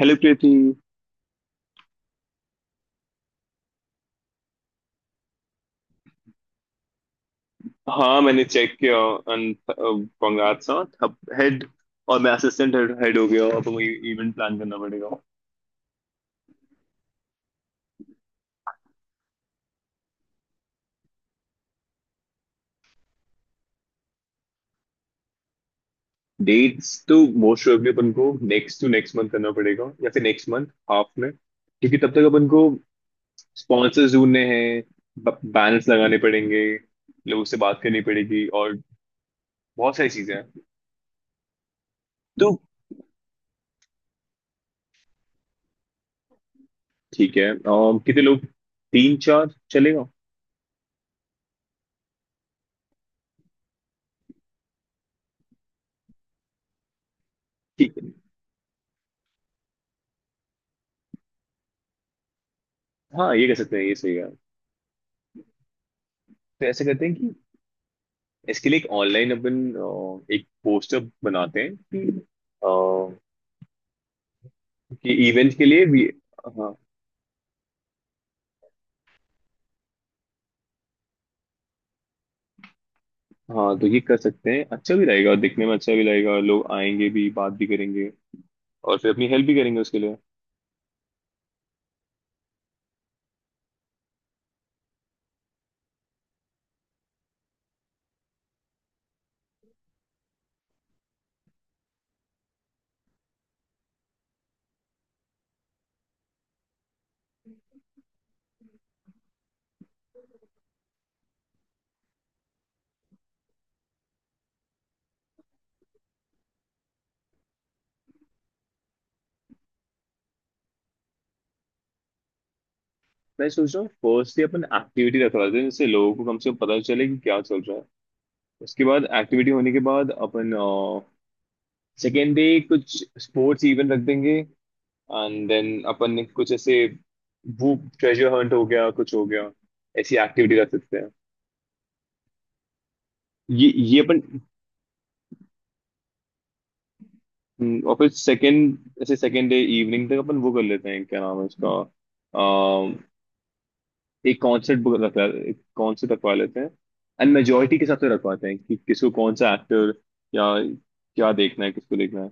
Hello Preeti. हाँ, मैंने check किया। And congrats. अब हेड और मैं असिस्टेंट हेड हेड हो गया हूँ, अब मुझे इवेंट प्लान करना पड़ेगा। डेट्स तो मोस्ट प्रोबेबली अपन को नेक्स्ट टू नेक्स्ट मंथ करना पड़ेगा या फिर नेक्स्ट मंथ हाफ में, क्योंकि तब तक अपन को स्पॉन्सर्स ढूंढने हैं, बैनर्स लगाने पड़ेंगे, लोगों से बात करनी पड़ेगी और बहुत सारी चीजें हैं। तो ठीक है, कितने लोग? तीन चार चलेगा? ठीक है। हाँ, ये कह सकते हैं, ये सही है। तो ऐसे करते हैं कि इसके लिए एक ऑनलाइन अपन एक पोस्टर बनाते हैं अ, कि इवेंट के लिए भी। हाँ हाँ। तो ये कर सकते हैं, अच्छा भी रहेगा, दिखने में अच्छा भी लगेगा, लोग आएंगे भी, बात भी करेंगे और फिर अपनी हेल्प भी करेंगे उसके लिए। मैं सोच रहा हूँ फर्स्ट ही अपन एक्टिविटी रखवाते हैं जिससे लोगों को कम से कम पता चले कि क्या चल रहा है। उसके बाद एक्टिविटी होने के बाद अपन सेकेंड डे कुछ स्पोर्ट्स इवेंट रख देंगे। एंड देन अपन ने कुछ ऐसे वो ट्रेजर हंट हो गया कुछ हो गया ऐसी एक्टिविटी कर सकते हैं। ये अपन। और फिर सेकेंड ऐसे सेकेंड डे इवनिंग तक अपन वो कर लेते हैं, क्या नाम है उसका, अम, एक कॉन्सर्ट बुक रखवा एक कॉन्सर्ट रखवा लेते हैं। एंड मेजोरिटी के हिसाब से रखवाते हैं कि किसको कौन सा एक्टर या क्या देखना है, किसको देखना है।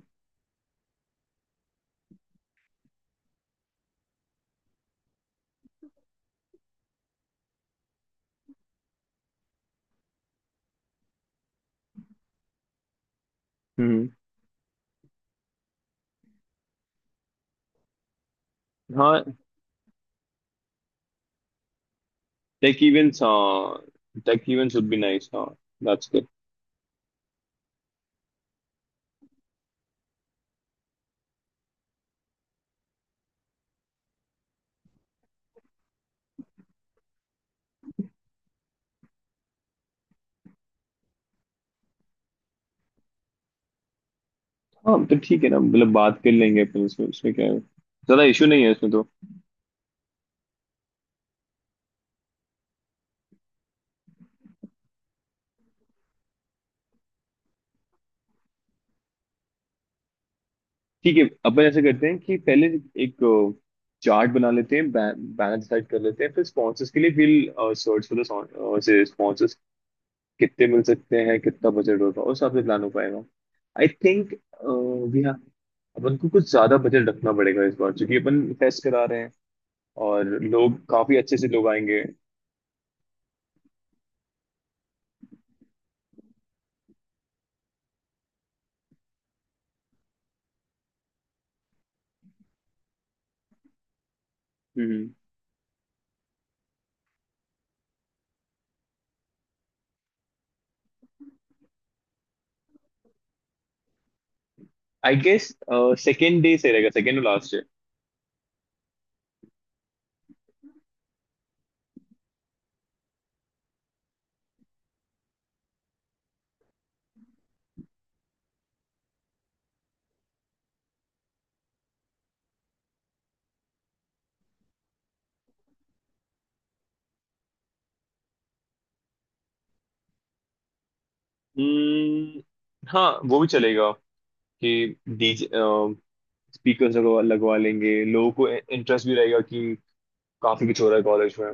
हम्म। हाँ, टेक इवेंट्स, हाँ, tech events would be nice, हाँ, दैट्स। हाँ, तो ठीक है ना, मतलब बात कर लेंगे अपन, इसमें इसमें क्या है, ज्यादा इशू नहीं है इसमें तो। ठीक है, अपन ऐसे करते हैं कि पहले एक चार्ट बना लेते हैं, बैनर डिसाइड कर लेते हैं, फिर स्पॉन्सर्स के लिए will search for the sponsors. कितने मिल सकते हैं, कितना बजट होगा, उस हिसाब से प्लान हो पाएगा। आई थिंक वी हैव, अपन को कुछ ज्यादा बजट रखना पड़ेगा इस बार क्योंकि अपन फेस्ट करा रहे हैं और लोग काफी अच्छे से लोग आएंगे। आई गेस सेकेंड डे से रहेगा, सेकेंड और लास्ट। हम्म, हाँ, वो भी चलेगा कि डीजे स्पीकर्स लगवा लगवा लेंगे, लोगों को इंटरेस्ट भी रहेगा कि काफी कुछ हो रहा है कॉलेज में।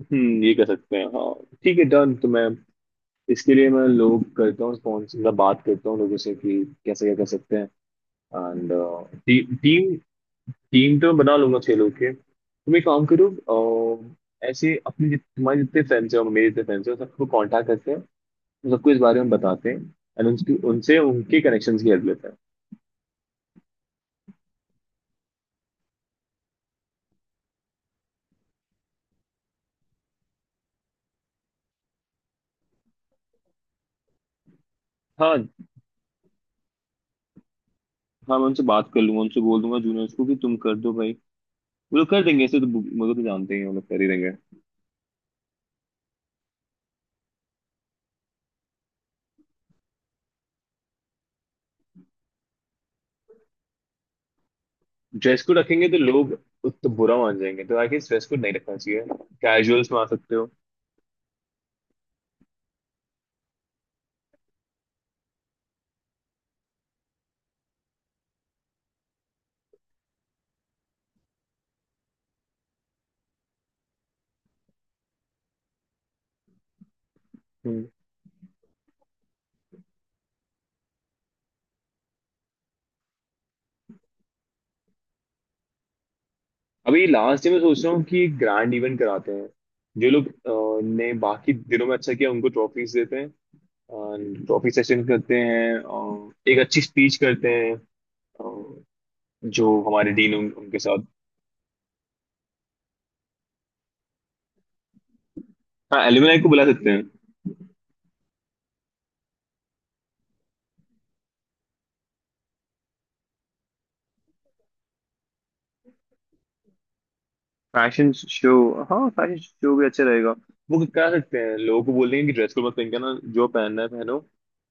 ये कर सकते हैं, हाँ। ठीक है, डन। तो मैं इसके लिए मैं लोग करता हूँ स्पॉन्सर, मतलब बात करता हूँ लोगों से कि कैसे क्या कर सकते हैं। एंड टी, टीम टीम तो मैं बना लूंगा छह लोग के, तुम एक काम करो। ऐसे अपने तुम्हारे जितने फ्रेंड्स हो मेरे जितने फ्रेंड्स हो सबको कांटेक्ट करते हैं, सबको इस बारे में बताते हैं। एंड उनकी उनसे उनके कनेक्शन की हेल्प लेते हैं। हाँ हाँ, मैं उनसे बात कर लूंगा, उनसे बोल दूंगा जूनियर्स को कि तुम कर दो भाई। वो लोग कर देंगे, ऐसे तो वो लोग तो जानते ही हैं, वो लोग कर ही देंगे। ड्रेस कोड रखेंगे तो लोग तो बुरा मान जाएंगे, तो आई गेस ड्रेस कोड नहीं रखना चाहिए। कैजुअल्स में आ सकते हो। हम्म। अभी लास्ट में सोच रहा हूँ कि एक ग्रैंड इवेंट कराते हैं। जो लोग ने बाकी दिनों में अच्छा किया उनको ट्रॉफीज देते हैं। ट्रॉफी सेशन करते हैं, एक अच्छी स्पीच करते हैं जो हमारे डीन, उनके साथ। हाँ, एलुमनाई को बुला सकते हैं। Fashion show? हाँ, फैशन शो भी अच्छा रहेगा। वो करा सकते हैं, लोगों को बोल देंगे कि ड्रेस कोड मत पहन के ना, जो पहनना है पहनो,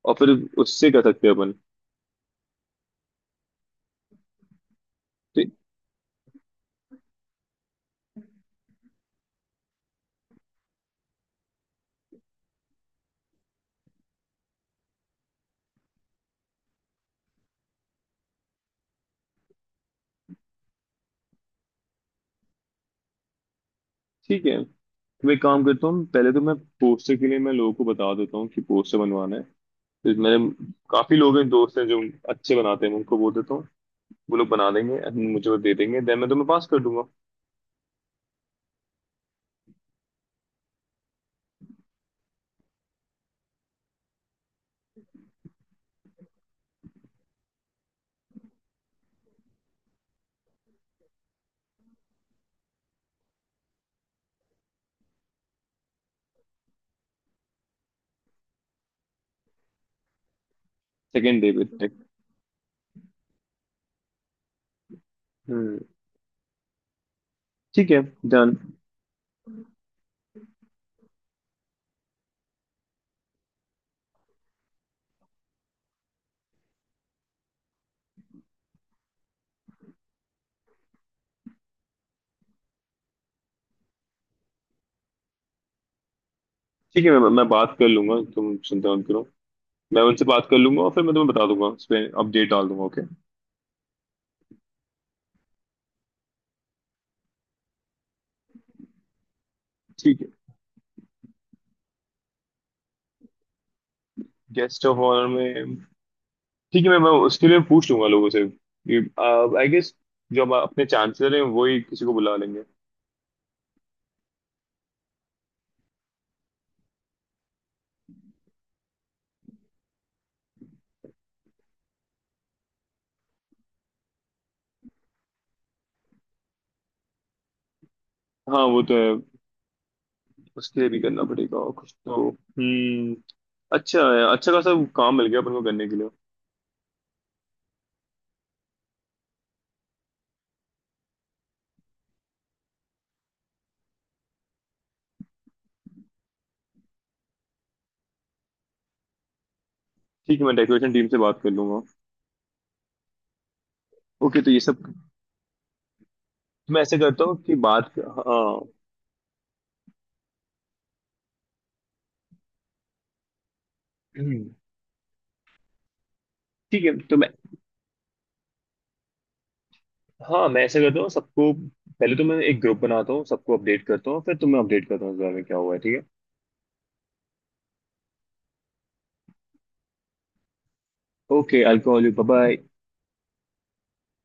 और फिर उससे कर सकते हैं अपन। ठीक। ठीक है, तो मैं एक काम करता हूँ, पहले तो मैं पोस्टर के लिए मैं लोगों को बता देता हूँ कि पोस्टर बनवाना है। तो मेरे काफी लोग हैं, दोस्त हैं जो अच्छे बनाते हैं, मैं उनको बोल देता हूँ, वो लोग बना देंगे and मुझे वो दे देंगे, देन मैं तुम्हें पास कर दूंगा। सेकेंड डे पे। हम्म। ठीक है, डन। ठीक है, मैं बात कर लूंगा, तुम चिंता मत करो। मैं उनसे बात कर लूंगा और फिर मैं तुम्हें बता दूंगा, उस पर अपडेट डाल दूंगा। ओके। ठीक है। गेस्ट ऑफ ऑनर में? ठीक है, मैं उसके लिए पूछ लूंगा लोगों से। आई गेस जो हम अपने चांसलर हैं वो ही किसी को बुला लेंगे। हाँ, वो तो है, उसके लिए भी करना पड़ेगा और कुछ तो। अच्छा है, अच्छा खासा काम मिल गया अपन को करने के लिए। ठीक है, मैं डेकोरेशन टीम से बात कर लूंगा। ओके, तो ये सब, मैं ऐसे करता हूँ कि बात, हाँ। ठीक है, तो मैं, हाँ, मैं ऐसा करता हूँ, सबको पहले तो मैं एक ग्रुप बनाता हूँ, सबको अपडेट करता हूँ, फिर तुम्हें अपडेट करता हूँ इस बारे में क्या हुआ है, ठीक है? Okay, alcohol, bye bye.